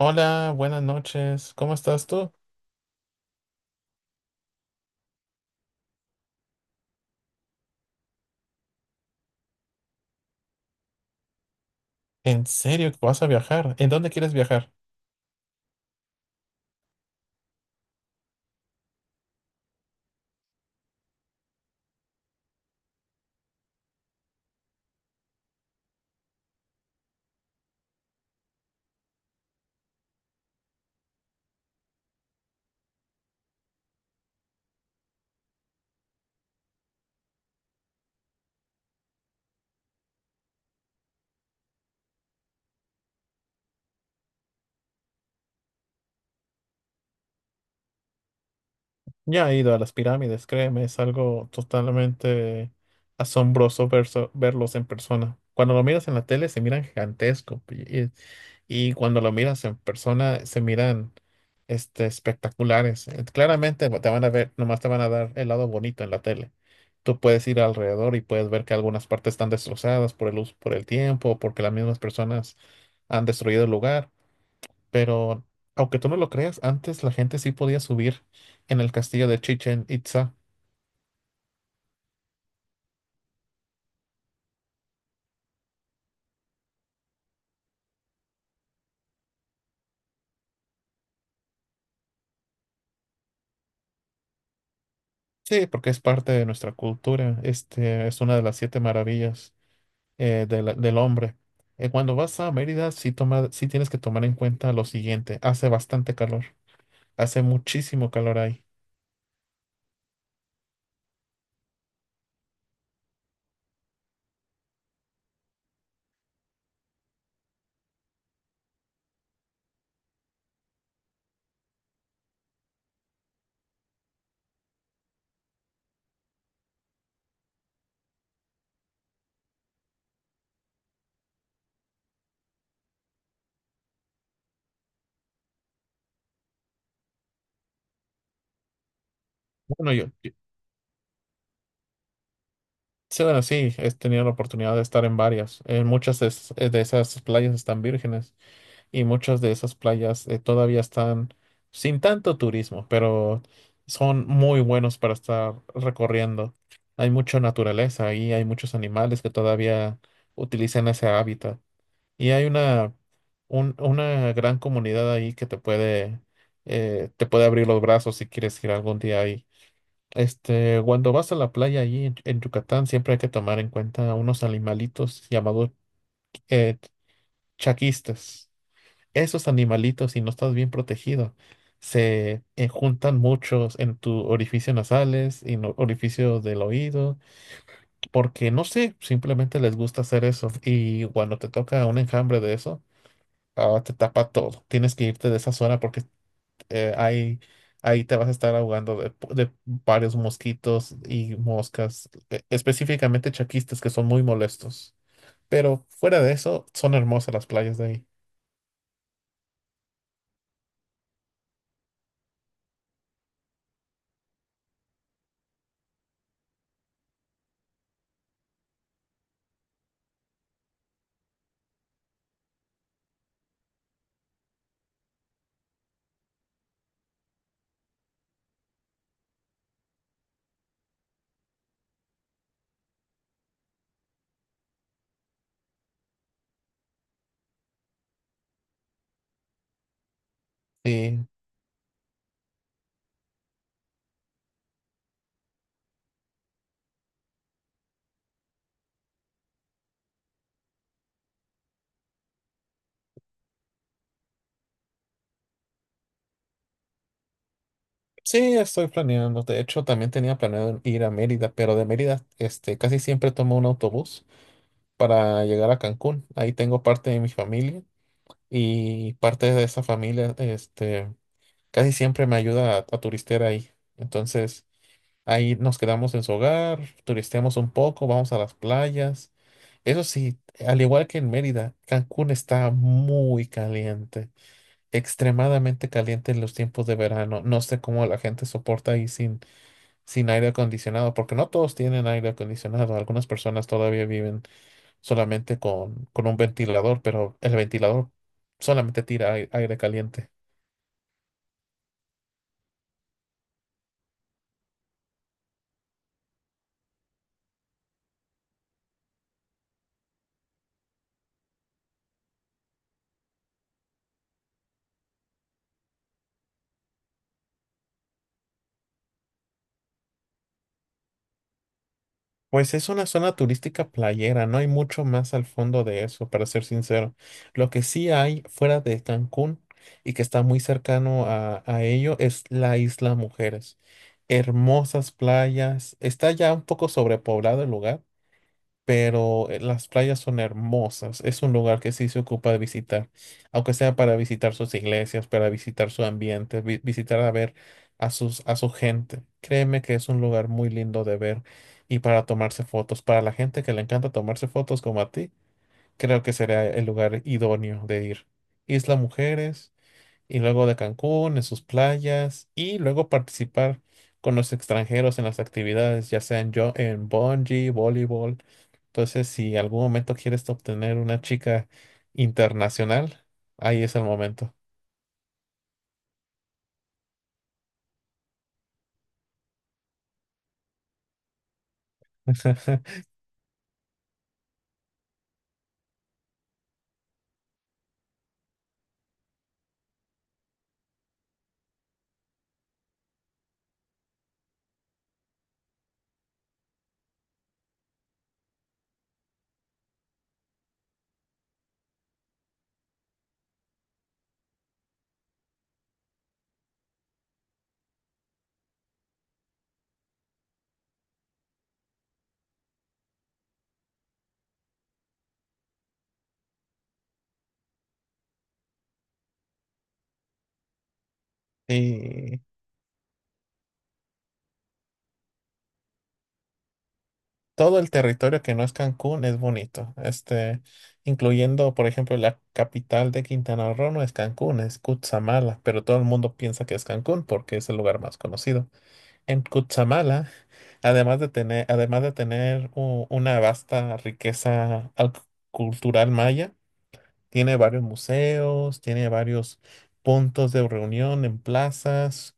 Hola, buenas noches. ¿Cómo estás tú? ¿En serio que vas a viajar? ¿En dónde quieres viajar? Ya he ido a las pirámides, créeme, es algo totalmente asombroso verlos en persona. Cuando lo miras en la tele se miran gigantesco y cuando lo miras en persona se miran espectaculares. Claramente bueno, te van a ver, nomás te van a dar el lado bonito en la tele. Tú puedes ir alrededor y puedes ver que algunas partes están destrozadas por el uso, por el tiempo, porque las mismas personas han destruido el lugar, pero aunque tú no lo creas, antes la gente sí podía subir en el castillo de Chichen Itza. Sí, porque es parte de nuestra cultura. Este es una de las siete maravillas de del hombre. Cuando vas a Mérida, sí, toma, sí tienes que tomar en cuenta lo siguiente. Hace bastante calor. Hace muchísimo calor ahí. Bueno, sí, bueno, sí, he tenido la oportunidad de estar en varias. En muchas de esas playas están vírgenes. Y muchas de esas playas todavía están sin tanto turismo, pero son muy buenos para estar recorriendo. Hay mucha naturaleza ahí, hay muchos animales que todavía utilizan ese hábitat y hay una gran comunidad ahí que te puede abrir los brazos si quieres ir algún día ahí. Este, cuando vas a la playa allí en Yucatán, siempre hay que tomar en cuenta unos animalitos llamados eh, chaquistas. Esos animalitos, si no estás bien protegido, se juntan muchos en tu orificio nasales y orificio del oído, porque no sé, simplemente les gusta hacer eso. Y cuando te toca un enjambre de eso, ah, te tapa todo. Tienes que irte de esa zona porque eh, ahí, ahí te vas a estar ahogando de, de varios mosquitos y moscas, específicamente chaquistas que son muy molestos. Pero fuera de eso, son hermosas las playas de ahí. Sí. Sí, estoy planeando. De hecho, también tenía planeado ir a Mérida, pero de Mérida, este, casi siempre tomo un autobús para llegar a Cancún. Ahí tengo parte de mi familia y parte de esa familia, este, casi siempre me ayuda a turistear ahí. Entonces, ahí nos quedamos en su hogar, turisteamos un poco, vamos a las playas. Eso sí, al igual que en Mérida, Cancún está muy caliente, extremadamente caliente en los tiempos de verano. No sé cómo la gente soporta ahí sin aire acondicionado, porque no todos tienen aire acondicionado. Algunas personas todavía viven solamente con un ventilador, pero el ventilador solamente tira aire caliente. Pues es una zona turística playera, no hay mucho más al fondo de eso, para ser sincero. Lo que sí hay fuera de Cancún y que está muy cercano a ello es la Isla Mujeres. Hermosas playas, está ya un poco sobrepoblado el lugar, pero las playas son hermosas. Es un lugar que sí se ocupa de visitar, aunque sea para visitar sus iglesias, para visitar su ambiente, visitar a ver a sus, a su gente. Créeme que es un lugar muy lindo de ver y para tomarse fotos. Para la gente que le encanta tomarse fotos como a ti, creo que será el lugar idóneo de ir. Isla Mujeres y luego de Cancún, en sus playas, y luego participar con los extranjeros en las actividades, ya sea en, en bungee, voleibol. Entonces, si en algún momento quieres obtener una chica internacional, ahí es el momento. Y todo el territorio que no es Cancún es bonito. Este, incluyendo, por ejemplo, la capital de Quintana Roo no es Cancún, es Cutzamala, pero todo el mundo piensa que es Cancún porque es el lugar más conocido. En Cuchamala, además de tener una vasta riqueza cultural maya, tiene varios museos, tiene varios puntos de reunión en plazas,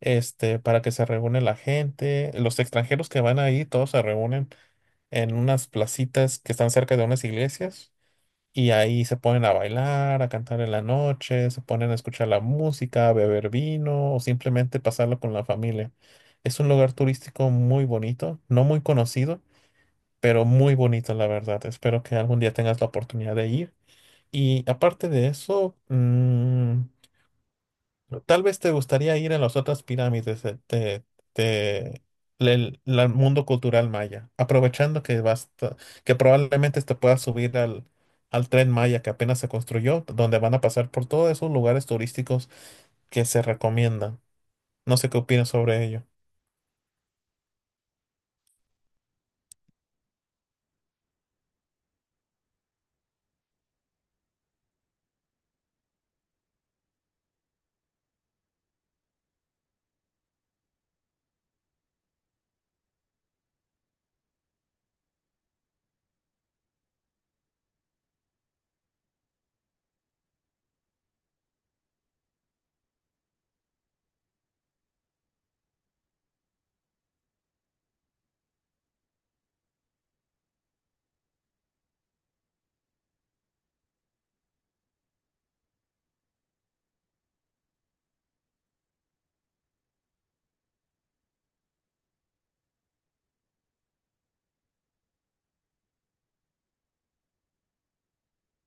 este, para que se reúne la gente. Los extranjeros que van ahí, todos se reúnen en unas placitas que están cerca de unas iglesias y ahí se ponen a bailar, a cantar en la noche, se ponen a escuchar la música, a beber vino o simplemente pasarlo con la familia. Es un lugar turístico muy bonito, no muy conocido, pero muy bonito, la verdad. Espero que algún día tengas la oportunidad de ir. Y aparte de eso, mm, ¿no? Tal vez te gustaría ir a las otras pirámides de- del mundo cultural maya, aprovechando que que probablemente te puedas subir al, al tren maya que apenas se construyó, donde van a pasar por todos esos lugares turísticos que se recomiendan. No sé qué opinas sobre ello.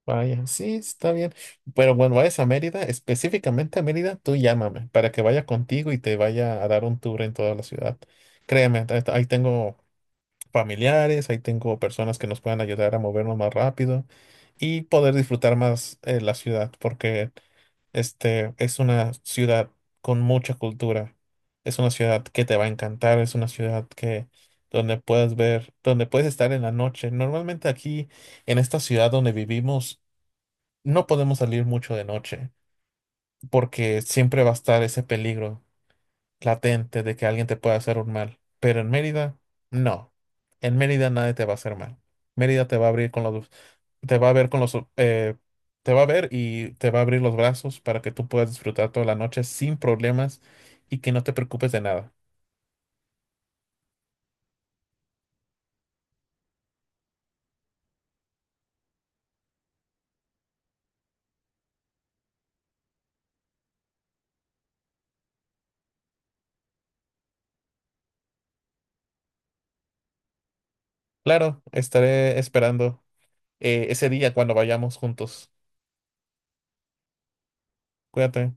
Vaya, sí, está bien. Pero cuando vayas a Mérida, específicamente a Mérida, tú llámame para que vaya contigo y te vaya a dar un tour en toda la ciudad. Créeme, ahí tengo familiares, ahí tengo personas que nos puedan ayudar a movernos más rápido y poder disfrutar más la ciudad, porque este es una ciudad con mucha cultura, es una ciudad que te va a encantar, es una ciudad que donde puedes ver, donde puedes estar en la noche. Normalmente aquí en esta ciudad donde vivimos no podemos salir mucho de noche porque siempre va a estar ese peligro latente de que alguien te pueda hacer un mal. Pero en Mérida, no. En Mérida nadie te va a hacer mal. Mérida te va a abrir con los, te va a ver con los, te va a ver y te va a abrir los brazos para que tú puedas disfrutar toda la noche sin problemas y que no te preocupes de nada. Claro, estaré esperando ese día cuando vayamos juntos. Cuídate.